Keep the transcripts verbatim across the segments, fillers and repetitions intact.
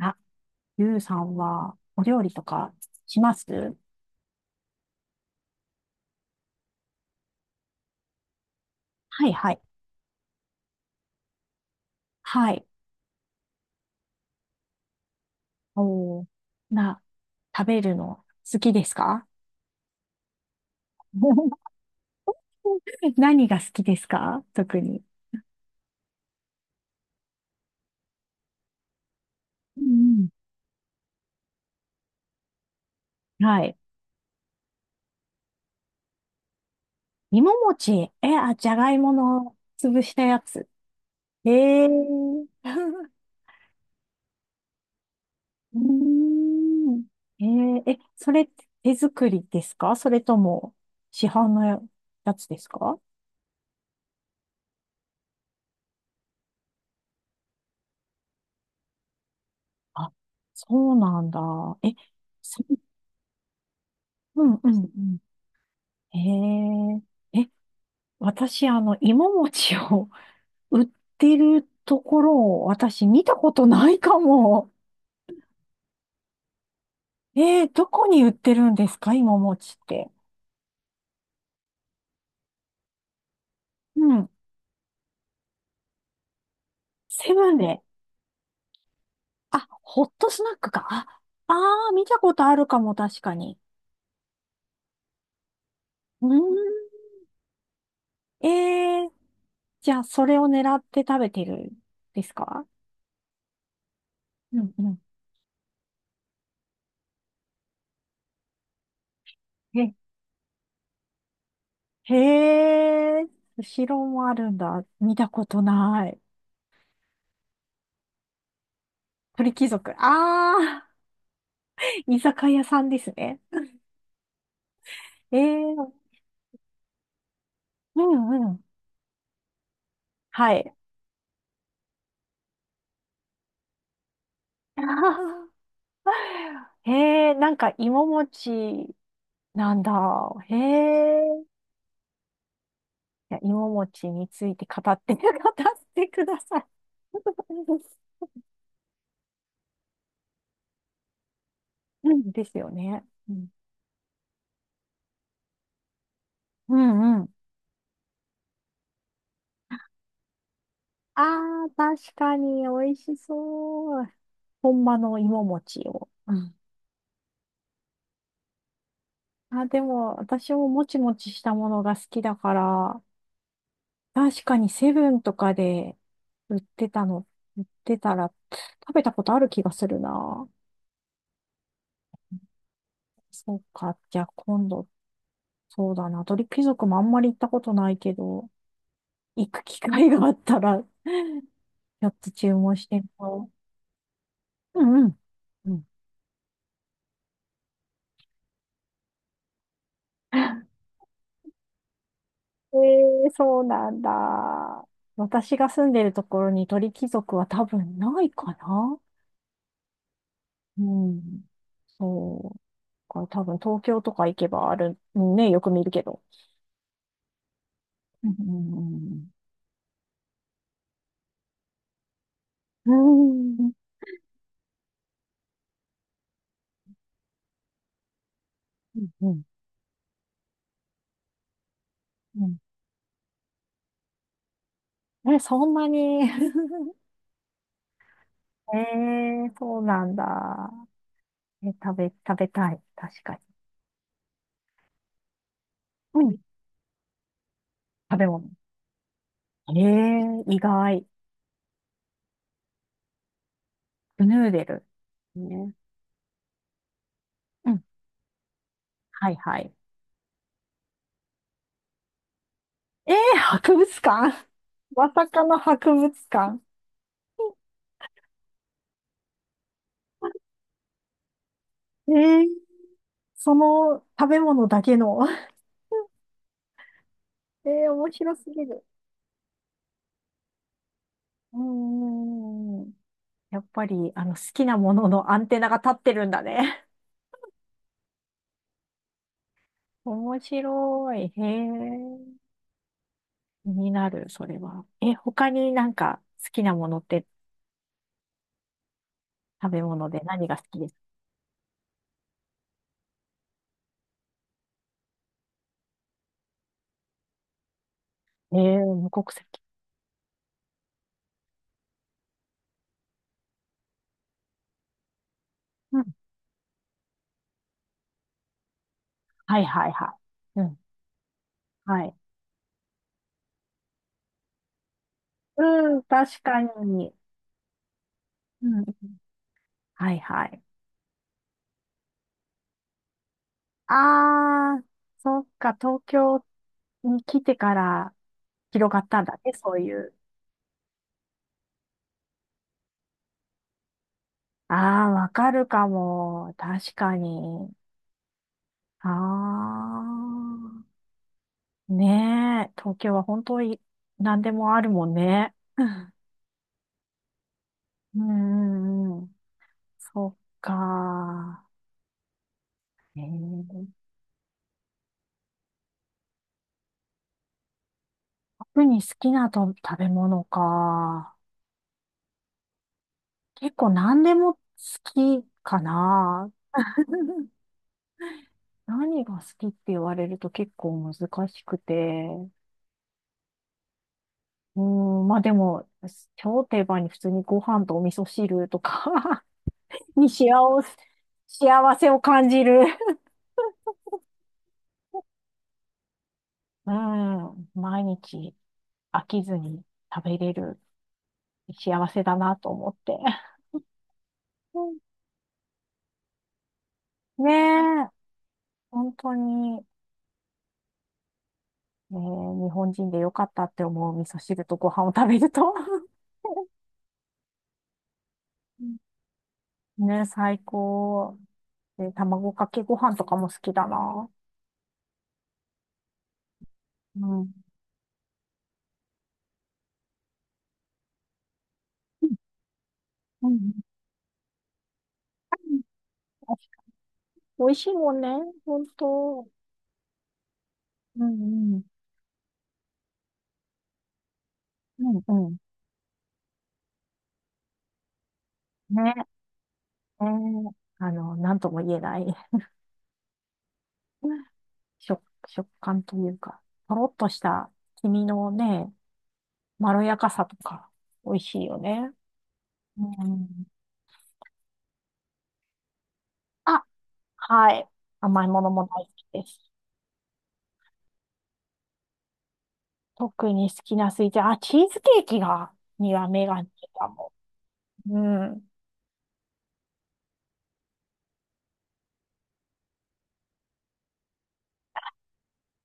あ、ゆうさんはお料理とかします？はいはい。はい。おー、な、食べるの好きですか？ 何が好きですか、特に？うんうん、はい。芋餅。え、あ、じゃがいもの潰したやつ。ええー。うーん。えー、え、それって手作りですか、それとも市販のやつですか？あ、そうなんだ。え、そうんうんうん。へえ。え、私、あの、芋餅を 売ってるところを私見たことないかも。えー、どこに売ってるんですか、芋餅って？うん。セブンで。あ、ホットスナックか。あ、あー、見たことあるかも、確かに。うーん。えー、じゃあ、それを狙って食べてるですか？うんうん。へ、へえ、後ろもあるんだ。見たことない。鳥貴族。あー、居酒屋さんですね。えー、うんうん。はい。あーえー、なんか芋餅なんだ。へえ。いや、芋餅について語って、語ってください。うんですよね。うん、うんうん。あー、確かに美味しそう。本場の芋餅を。うん、あ、でも、私ももちもちしたものが好きだから、確かにセブンとかで売ってたの、売ってたら食べたことある気がするな。そうか。じゃあ今度、そうだな。鳥貴族もあんまり行ったことないけど、行く機会があったら、ちょっと注文してみよう。うんうん。うん、えー、そうなんだ。私が住んでるところに鳥貴族は多分ないかな。うん。そう。だから多分東京とか行けばある、ね、よく見るけど。うんうんうんうん、うーん、うん、うん、うん。え、そんなに。 えー、そうなんだ。え、食べ、食べたい。確かに。うん。食べ物。えー、意外。クヌーデル。ね。うん。はいはい。えー、博物館、 まさかの博物館。えー、その食べ物だけの。 えー、面白すぎる。うーん。やっぱり、あの、好きなもののアンテナが立ってるんだね。面白い。へえ。気になる、それは。え、他になんか好きなものって、食べ物で何が好きですか？えー、無国籍。うん。はいはいはい。うん。はい。うん、確かに。うん。はいはい。あー、そっか、東京に来てから広がったんだね、そういう。あー、わかるかも。確かに。あー。ねえ、東京は本当に何でもあるもんね。うんうんうん。そっか。えー、特に好きなと食べ物か。結構何でも好きかな。何が好きって言われると結構難しくて。うん、まあでも、超定番に普通にご飯とお味噌汁とか、 に幸せ、幸せを感じる。うん、毎日飽きずに食べれる幸せだなと思って。うん、ねえ、本当に。ねえ、日本人でよかったって思う、味噌汁とご飯を食べると。 ねえ、最高。で、卵かけご飯とかも好きだな。うん。うん。美味しいもんね、本当。うんうん。うんうん。ね、えー、あの、なんとも言えない、 食、食感というか、とろっとした黄身のね、まろやかさとか、美味しいよね。うん。あ、はい。甘いものも大好きです。特に好きなスイーツ、あ、チーズケーキが、には目が出たもん。うん。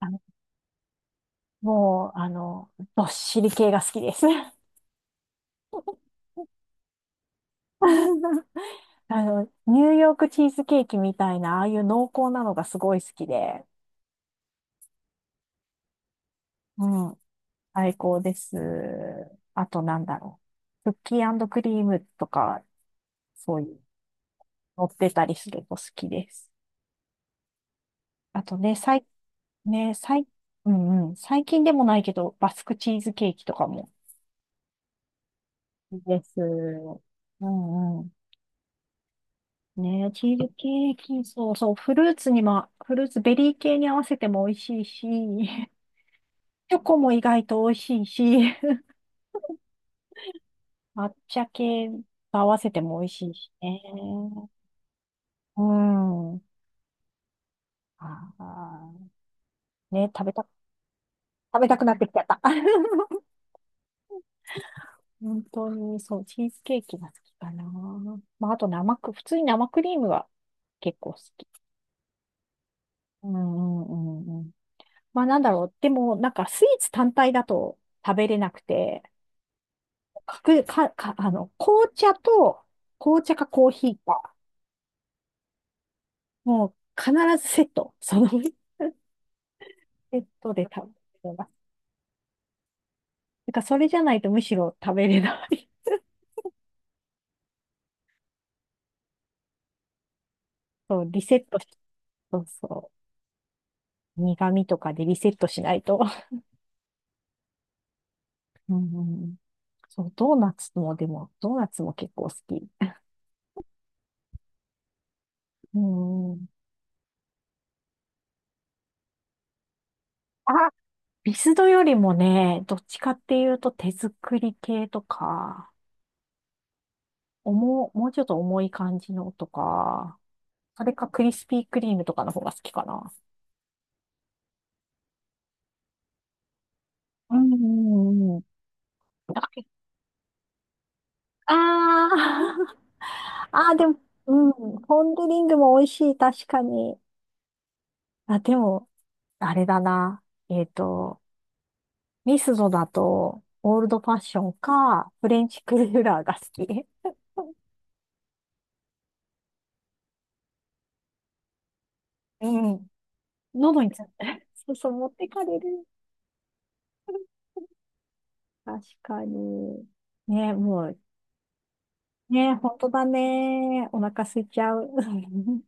あのもう、あの、どっしり系が好きです。あの、ニューヨークチーズケーキみたいな、ああいう濃厚なのがすごい好きで、うん、最高です。あとなんだろう。クッキークリームとか、そういう、乗ってたりすると好きです。あとね、最、ね、最、うんうん、最近でもないけど、バスクチーズケーキとかもいいです。うんうん。ね、チーズケーキ、そうそう、フルーツにも、フルーツ、ベリー系に合わせても美味しいし、チョコも意外と美味しいし、抹茶系と合わせても美味しいしね。うん。ああ、ね、食べた、食べたくなってきちゃった。本当に、そう、チーズケーキが好きかな。まあ、あと生ク、普通に生クリームが結構好き。うんうんうん。まあなんだろう。でも、なんかスイーツ単体だと食べれなくて、かく、か、か、あの、紅茶と、紅茶かコーヒーか、もう必ずセット、その、 セットで食べてます。なんかそれじゃないとむしろ食べれない。そう、リセットし、そうそう。苦味とかでリセットしないと。うん、そう、ドーナツも、でも、ドーナツも結構好き。うん。あ、ビスドよりもね、どっちかっていうと手作り系とか、重、もうちょっと重い感じのとか、それかクリスピークリームとかの方が好きかな。うんうんうんうん。ああ、ああ、でも、うん、ポン・デ・リングも美味しい、確かに。あ、でも、あれだな。えっと、ミスドだと、オールドファッションか、フレンチクルーラーが好き。うん。喉について、そうそう、持ってかれる。確かに。ね、もう、ねえ、本当だね。お腹空いちゃう。